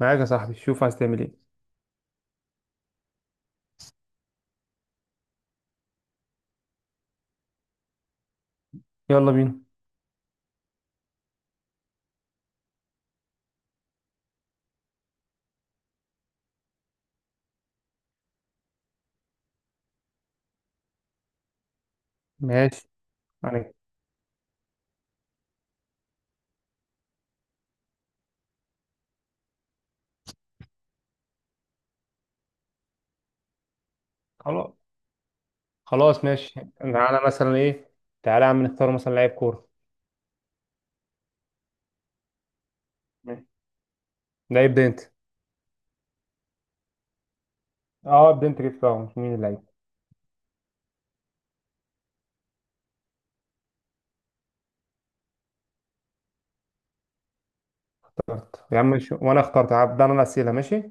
معاك يا صاحبي، شوف عايز تعمل ايه. يلا بينا. ماشي. يعني. خلاص. خلاص ماشي، انا مثلا ايه. تعالى يا عم نختار مثلا لعيب كوره. ماشي. ده يبدا انت. اه، ابدا انت كده. فاهم مين اللعيب؟ يا عم شو. وانا اخترت، هبدا انا الاسئله ماشي.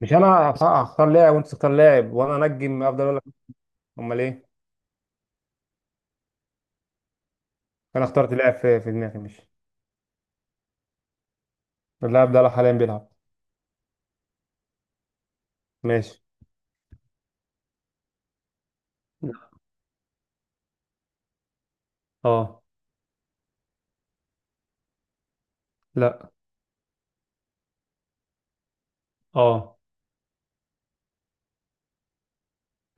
مش انا، هختار لاعب، وانت تختار لاعب، وانا انجم افضل اقول لك. امال ايه. انا اخترت لاعب في دماغي ماشي. اللاعب ده حاليا بيلعب. ماشي. اه. لا. اه.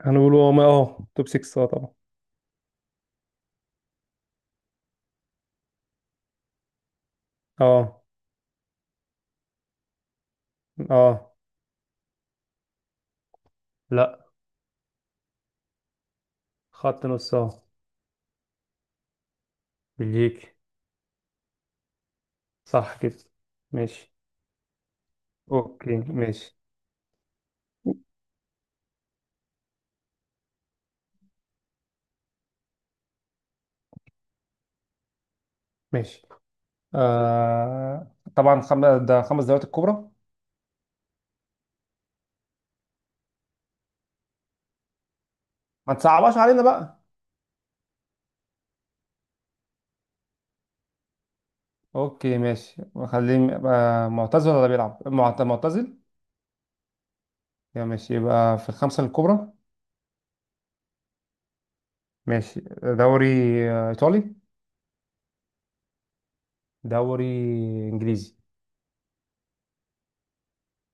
هنقول توب 6، طبعا. اه. اه. لا. خط نص، اه. بلجيكي. صح كده. ماشي. اوكي ماشي. ماشي. طبعا ده خمس دوريات الكبرى. ما تصعبهاش علينا بقى. اوكي ماشي، خليه يبقى معتزل ولا بيلعب معتزل. يا ماشي يبقى في الخمسة الكبرى. ماشي. دوري ايطالي؟ دوري انجليزي.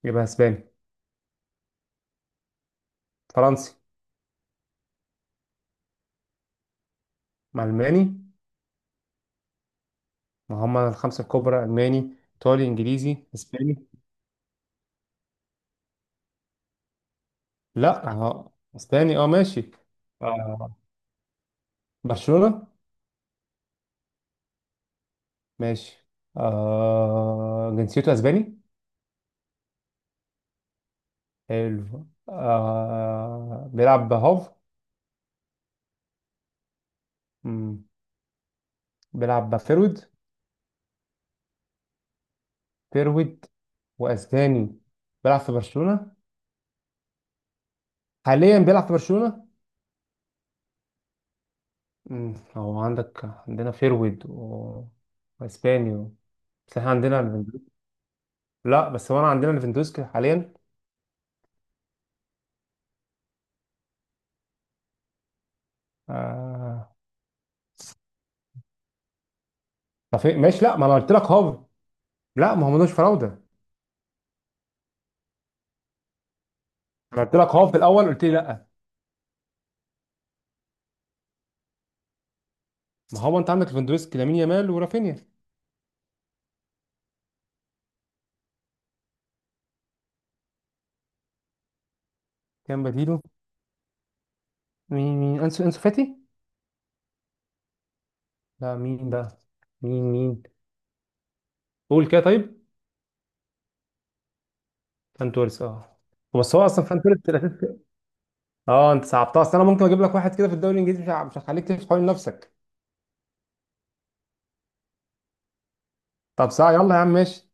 يبقى اسباني. فرنسي. مع الماني. ما هم الخمسة الكبرى الماني ايطالي انجليزي اسباني. لا، اسباني، اه ماشي. آه، برشلونة. ماشي. جنسيته اسباني. حلو. بيلعب هاف. مم. بيلعب فيرود. فيرود واسباني، بيلعب في برشلونة. حاليا بيلعب في برشلونة. هو عندك. عندنا فيرود و... واسباني و... بس احنا عندنا ليفاندوسكي. لا، بس هو انا عندنا ليفاندوسكي حاليا. آه... طب إيه؟ ماشي. لا، ما انا قلت لك هاف. لا، ما هو ملوش فراوده. انا قلت لك هاف في الاول، قلت لي لا. ما هو انت عندك ليفاندوسكي لامين يامال ورافينيا. كان بديله. مين انسو فاتي. لا، مين بقى؟ مين. قول كده طيب. فان توريس، اه. بس هو اصلا فان توريس الاساسي. اه، انت صعبتها، اصل انا ممكن اجيب لك واحد كده في الدوري الانجليزي، مش هخليك تلف حوالين نفسك. طب ساعه يلا يا عم ماشي.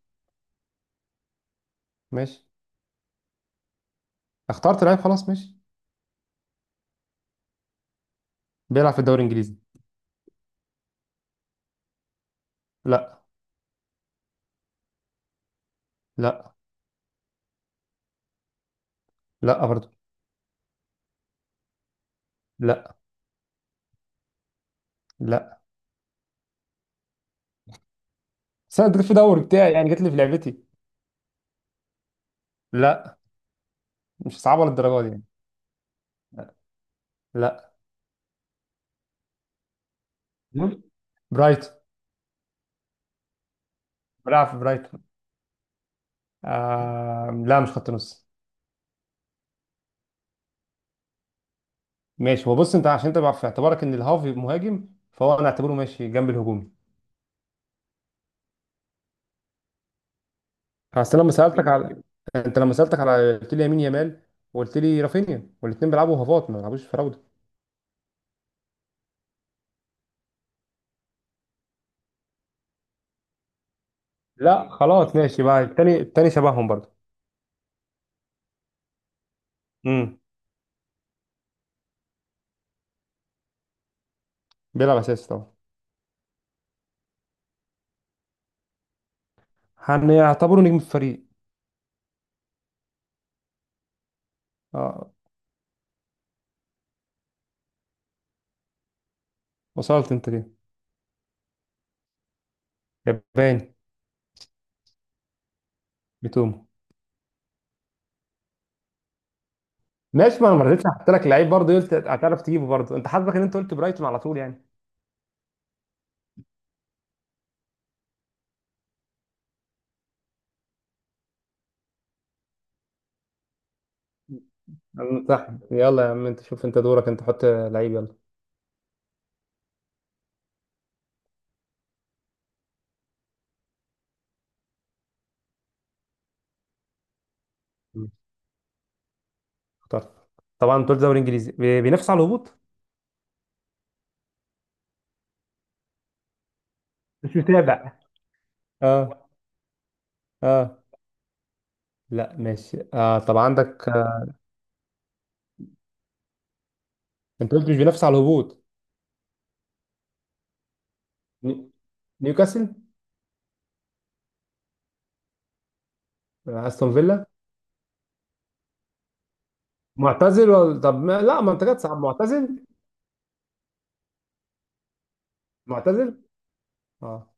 ماشي. اخترت لعيب، خلاص ماشي. بيلعب في الدوري الانجليزي. لا. لا. لا برضه. لا. لا. بس انا اديك في دوري بتاعي، يعني جت لي في لعبتي. لا. مش صعبه للدرجه دي يعني. لا. برايتون. بيلعب في برايتون. لا، مش خط نص. ماشي، هو بص، انت عشان تبقى في اعتبارك ان الهاف مهاجم، فهو انا اعتبره ماشي جنب الهجومي. اصل لما سالتك على، انت لما سالتك على قلت لي يمين يامال، وقلت لي رافينيا، والاثنين بيلعبوا هافات ما بيلعبوش فراوده. لا خلاص ماشي بقى. التاني التاني شبههم برضه. امم. بيلعب اساسي طبعا. هنعتبره نجم الفريق. اه. وصلت انت ليه؟ ياباني. بتوم. ماشي، ما انا ما رضيتش احط لك لعيب، برضه قلت هتعرف تجيبه برضه، انت حظك ان انت قلت برايتون على طول يعني. صح، يلا يا عم، انت شوف، انت دورك، انت حط لعيب يلا. طب. طبعا دول دوري انجليزي بينافس على الهبوط. مش متابع. اه. اه. لا. ماشي، طب عندك. انت قلت مش بينافس على الهبوط. ني- نيوكاسل. استون فيلا. معتزل ولا طب ما... لا، ما انت كده صعب. معتزل؟ معتزل. اه.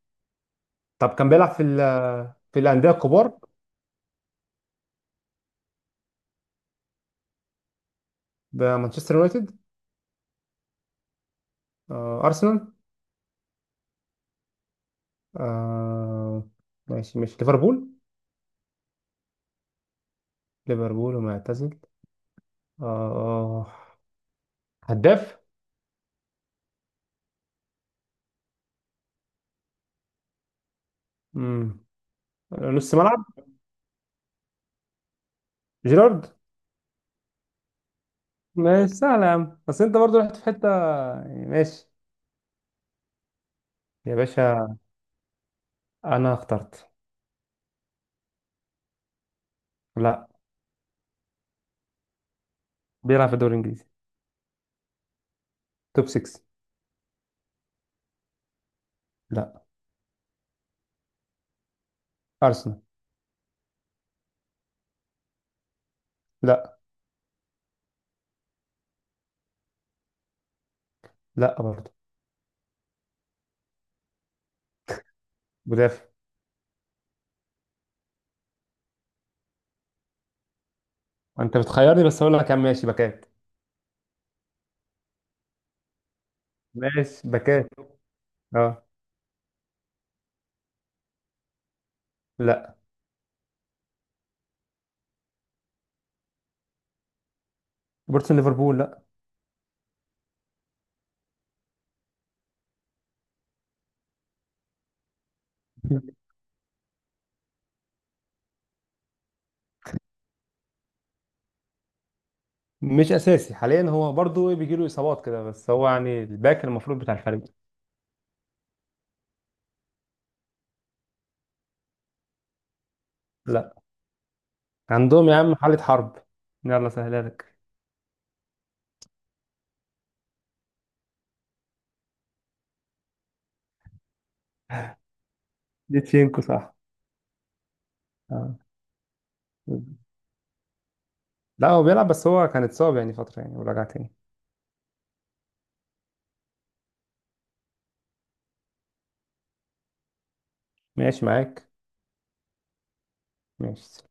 طب كان بيلعب في ال... في الانديه الكبار. بمانشستر يونايتد؟ ارسنال؟ آه ماشي ماشي، ليفربول. ليفربول ومعتزل. اه. هداف؟ مم. نص ملعب. جيرارد. ماشي، سهلة يا عم، بس انت برضو رحت في حتة يعني ماشي. يا باشا. انا اخترت. لا. بيلعب في الدوري الانجليزي. توب 6. لا. ارسنال. لا. لا برضو. مدافع. انت بتخيرني، بس اقول لك يا عم ماشي، باكات. ماشي، باكات. اه. لا. روبرتسون ليفربول، لا. مش اساسي حاليا، هو برضو بيجي له اصابات كده، بس هو يعني الباك المفروض بتاع الفريق. لا. عندهم يا عم حالة حرب. يلا سهلها لك. ليتشينكو صح. آه. لا، هو بيلعب، بس هو كان اتصاب يعني فترة يعني ورجع تاني. ماشي معاك. ماشي.